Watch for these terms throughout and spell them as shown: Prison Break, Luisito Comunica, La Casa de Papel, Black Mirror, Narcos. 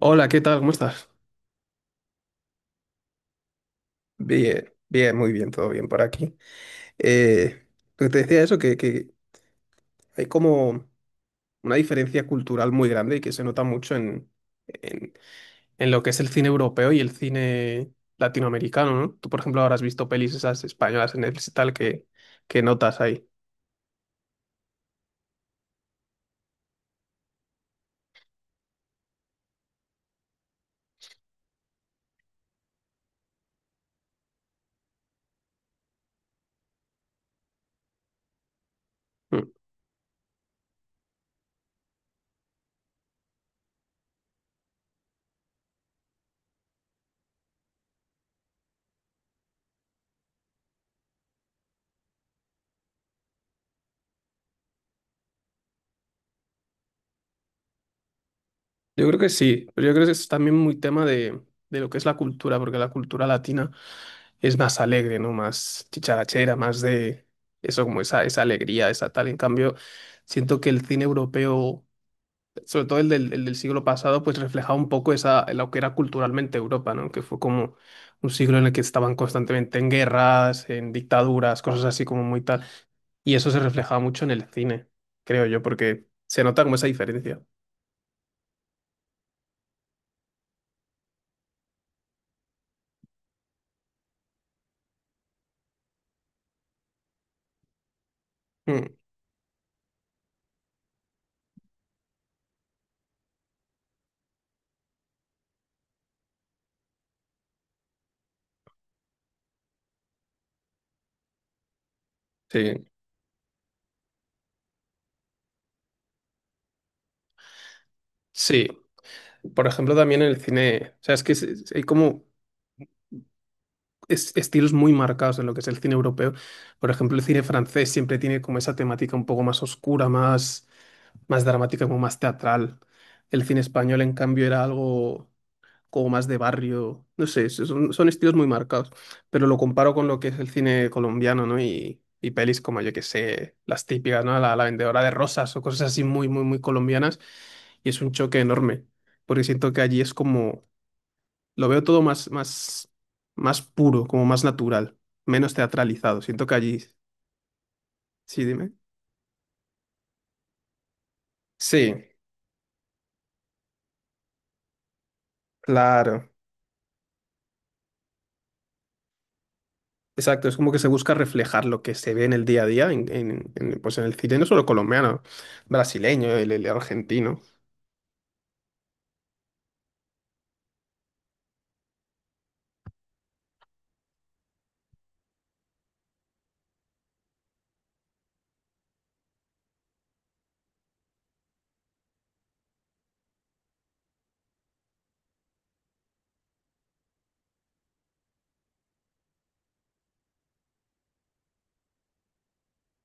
Hola, ¿qué tal? ¿Cómo estás? Bien, bien, muy bien, todo bien por aquí. Eh, lo que te decía eso, que hay como una diferencia cultural muy grande y que se nota mucho en, En lo que es el cine europeo y el cine latinoamericano, ¿no? Tú, por ejemplo, ahora has visto pelis esas españolas en Netflix y tal que notas ahí. Mm. Yo creo que sí, pero yo creo que es también muy tema de lo que es la cultura, porque la cultura latina es más alegre, ¿no? Más chicharachera, más de eso, como esa alegría, esa tal. En cambio, siento que el cine europeo, sobre todo el del siglo pasado, pues reflejaba un poco esa, lo que era culturalmente Europa, ¿no? Que fue como un siglo en el que estaban constantemente en guerras, en dictaduras, cosas así como muy tal. Y eso se reflejaba mucho en el cine, creo yo, porque se nota como esa diferencia. Mm, sí, sí. Por ejemplo, también en el cine, o sea, es que hay como estilos muy marcados en lo que es el cine europeo. Por ejemplo, el cine francés siempre tiene como esa temática un poco más oscura, más, más dramática, como más teatral. El cine español, en cambio, era algo como más de barrio. No sé, son estilos muy marcados. Pero lo comparo con lo que es el cine colombiano, ¿no? Y pelis como, yo que sé, las típicas, ¿no? La vendedora de rosas o cosas así muy, muy, muy colombianas. Y es un choque enorme, porque siento que allí es como lo veo todo más puro, como más natural, menos teatralizado. Siento que allí... Sí, dime. Sí, claro. Exacto, es como que se busca reflejar lo que se ve en el día a día, pues en el cine, no solo colombiano, brasileño, el argentino.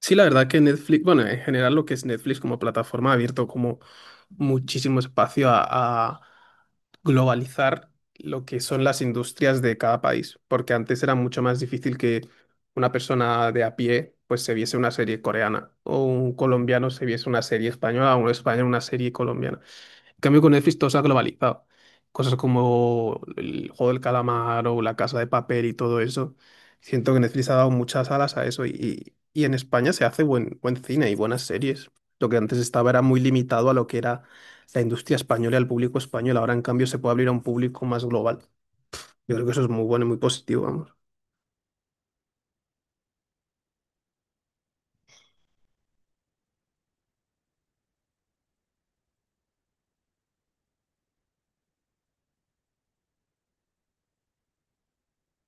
Sí, la verdad que Netflix, bueno, en general lo que es Netflix como plataforma ha abierto como muchísimo espacio a globalizar lo que son las industrias de cada país, porque antes era mucho más difícil que una persona de a pie pues se viese una serie coreana o un colombiano se viese una serie española o un español una serie colombiana. En cambio, con Netflix todo se ha globalizado. Cosas como el juego del calamar o la casa de papel y todo eso. Siento que Netflix ha dado muchas alas a eso y en España se hace buen cine y buenas series. Lo que antes estaba era muy limitado a lo que era la industria española y al público español. Ahora, en cambio, se puede abrir a un público más global. Yo creo que eso es muy bueno y muy positivo, vamos.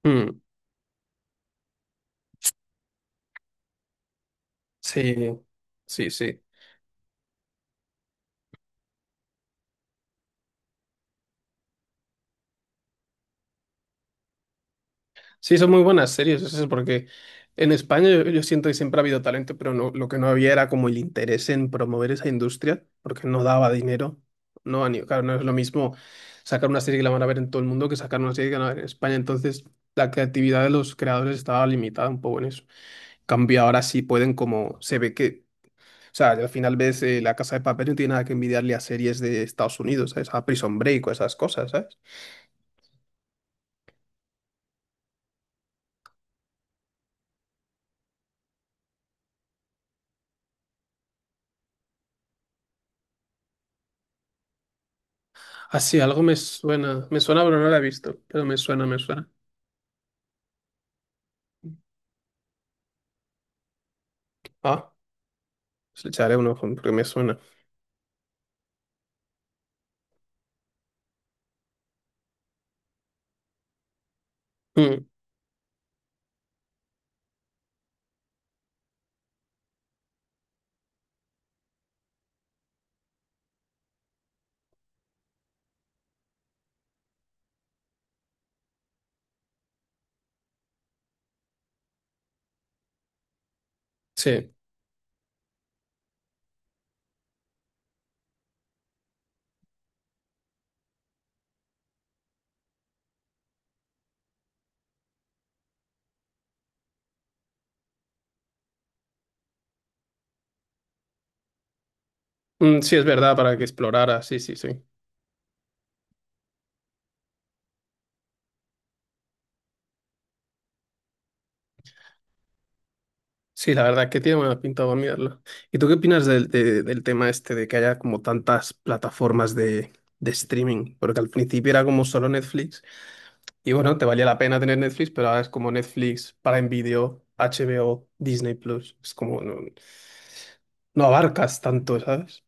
Mm, sí, sí, sí. Sí, son muy buenas series, eso es porque en España yo siento que siempre ha habido talento, pero no, lo que no había era como el interés en promover esa industria, porque no daba dinero. No, a ni- claro, no es lo mismo sacar una serie que la van a ver en todo el mundo que sacar una serie que la van a ver en España. Entonces, la creatividad de los creadores estaba limitada un poco en eso. En cambio, ahora sí pueden como, se ve que, o sea, al final ves La Casa de Papel no tiene nada que envidiarle a series de Estados Unidos, ¿sabes? A Prison Break o esas cosas, ¿sabes? Así, algo me suena. Me suena, pero no la he visto. Pero me suena, me suena. Ah, pues le echaré un ojo porque me suena. Mm, sí. Mm, sí, es verdad, para que explorara. Sí, sí, sí. Sí, la verdad que tiene buena pinta, voy a mirarlo. ¿Y tú qué opinas del, del tema este de que haya como tantas plataformas de streaming? Porque al principio era como solo Netflix y bueno, te valía la pena tener Netflix, pero ahora es como Netflix, Prime Video, HBO, Disney Plus. Es como no, no abarcas tanto, ¿sabes?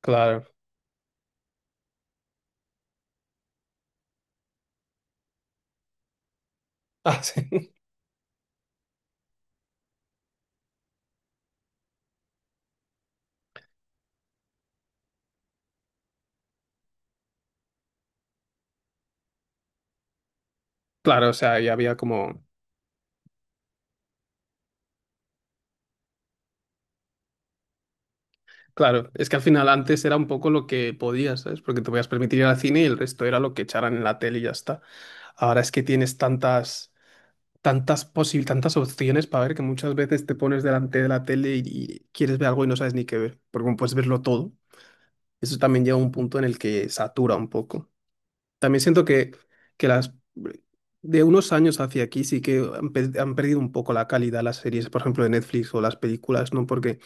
Claro. Ah, sí. Claro, o sea, ya había como... Claro, es que al final antes era un poco lo que podías, ¿sabes? Porque te podías permitir ir al cine y el resto era lo que echaran en la tele y ya está. Ahora es que tienes tantas posibles, tantas opciones para ver que muchas veces te pones delante de la tele y quieres ver algo y no sabes ni qué ver, porque como puedes verlo todo, eso también llega a un punto en el que satura un poco. También siento que las de unos años hacia aquí sí que han perdido un poco la calidad las series, por ejemplo, de Netflix o las películas, ¿no? Porque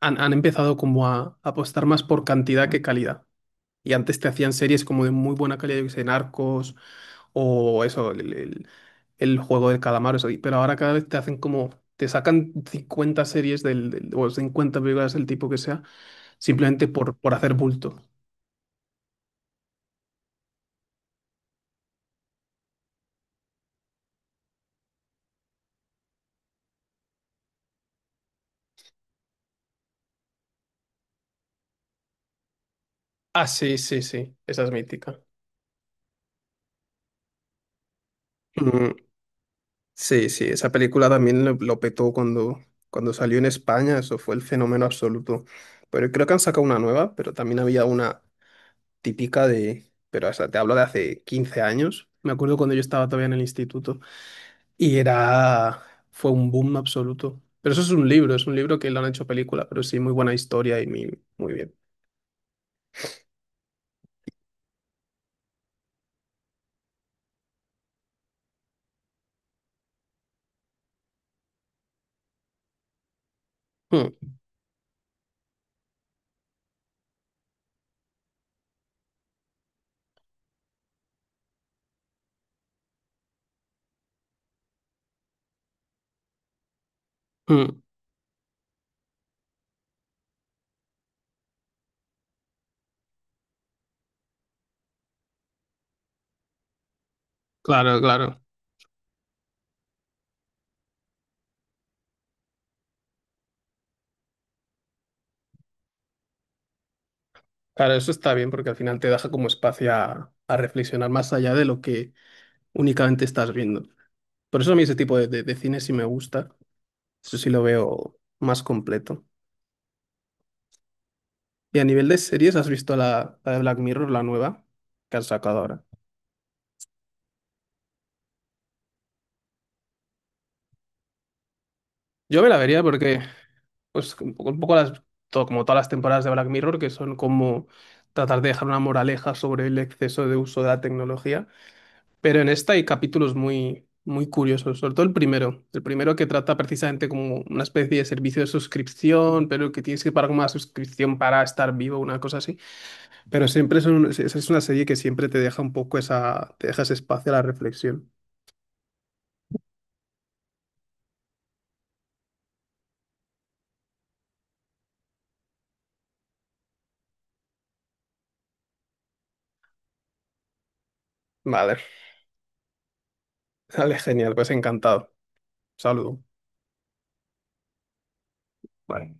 han empezado como a apostar más por cantidad que calidad. Y antes te hacían series como de muy buena calidad, yo que sé, Narcos o eso, el juego del calamar, eso. Pero ahora cada vez te hacen como, te sacan 50 series o 50 películas el tipo que sea, simplemente por hacer bulto. Ah, sí, sí, sí, esa es mítica. Mm, sí, sí, esa película también lo petó cuando salió en España, eso fue el fenómeno absoluto. Pero creo que han sacado una nueva, pero también había una típica de, pero hasta te hablo de hace 15 años. Me acuerdo cuando yo estaba todavía en el instituto. Y era, fue un boom absoluto. Pero eso es un libro que lo han hecho película, pero sí, muy buena historia y muy, muy bien. Mm, mm, claro, claro. Claro, eso está bien porque al final te deja como espacio a reflexionar más allá de lo que únicamente estás viendo. Por eso a mí ese tipo de cine sí me gusta. Eso sí lo veo más completo. Y a nivel de series, ¿has visto la de Black Mirror, la nueva que han sacado ahora? Yo me la vería porque pues un poco las, todo, como todas las temporadas de Black Mirror, que son como tratar de dejar una moraleja sobre el exceso de uso de la tecnología. Pero en esta hay capítulos muy, muy curiosos, sobre todo el primero. El primero que trata precisamente como una especie de servicio de suscripción, pero que tienes que pagar como una suscripción para estar vivo, una cosa así. Pero siempre es una serie que siempre te deja un poco esa, te deja ese espacio a la reflexión. Vale, vale, genial, pues encantado. Saludo. Vale.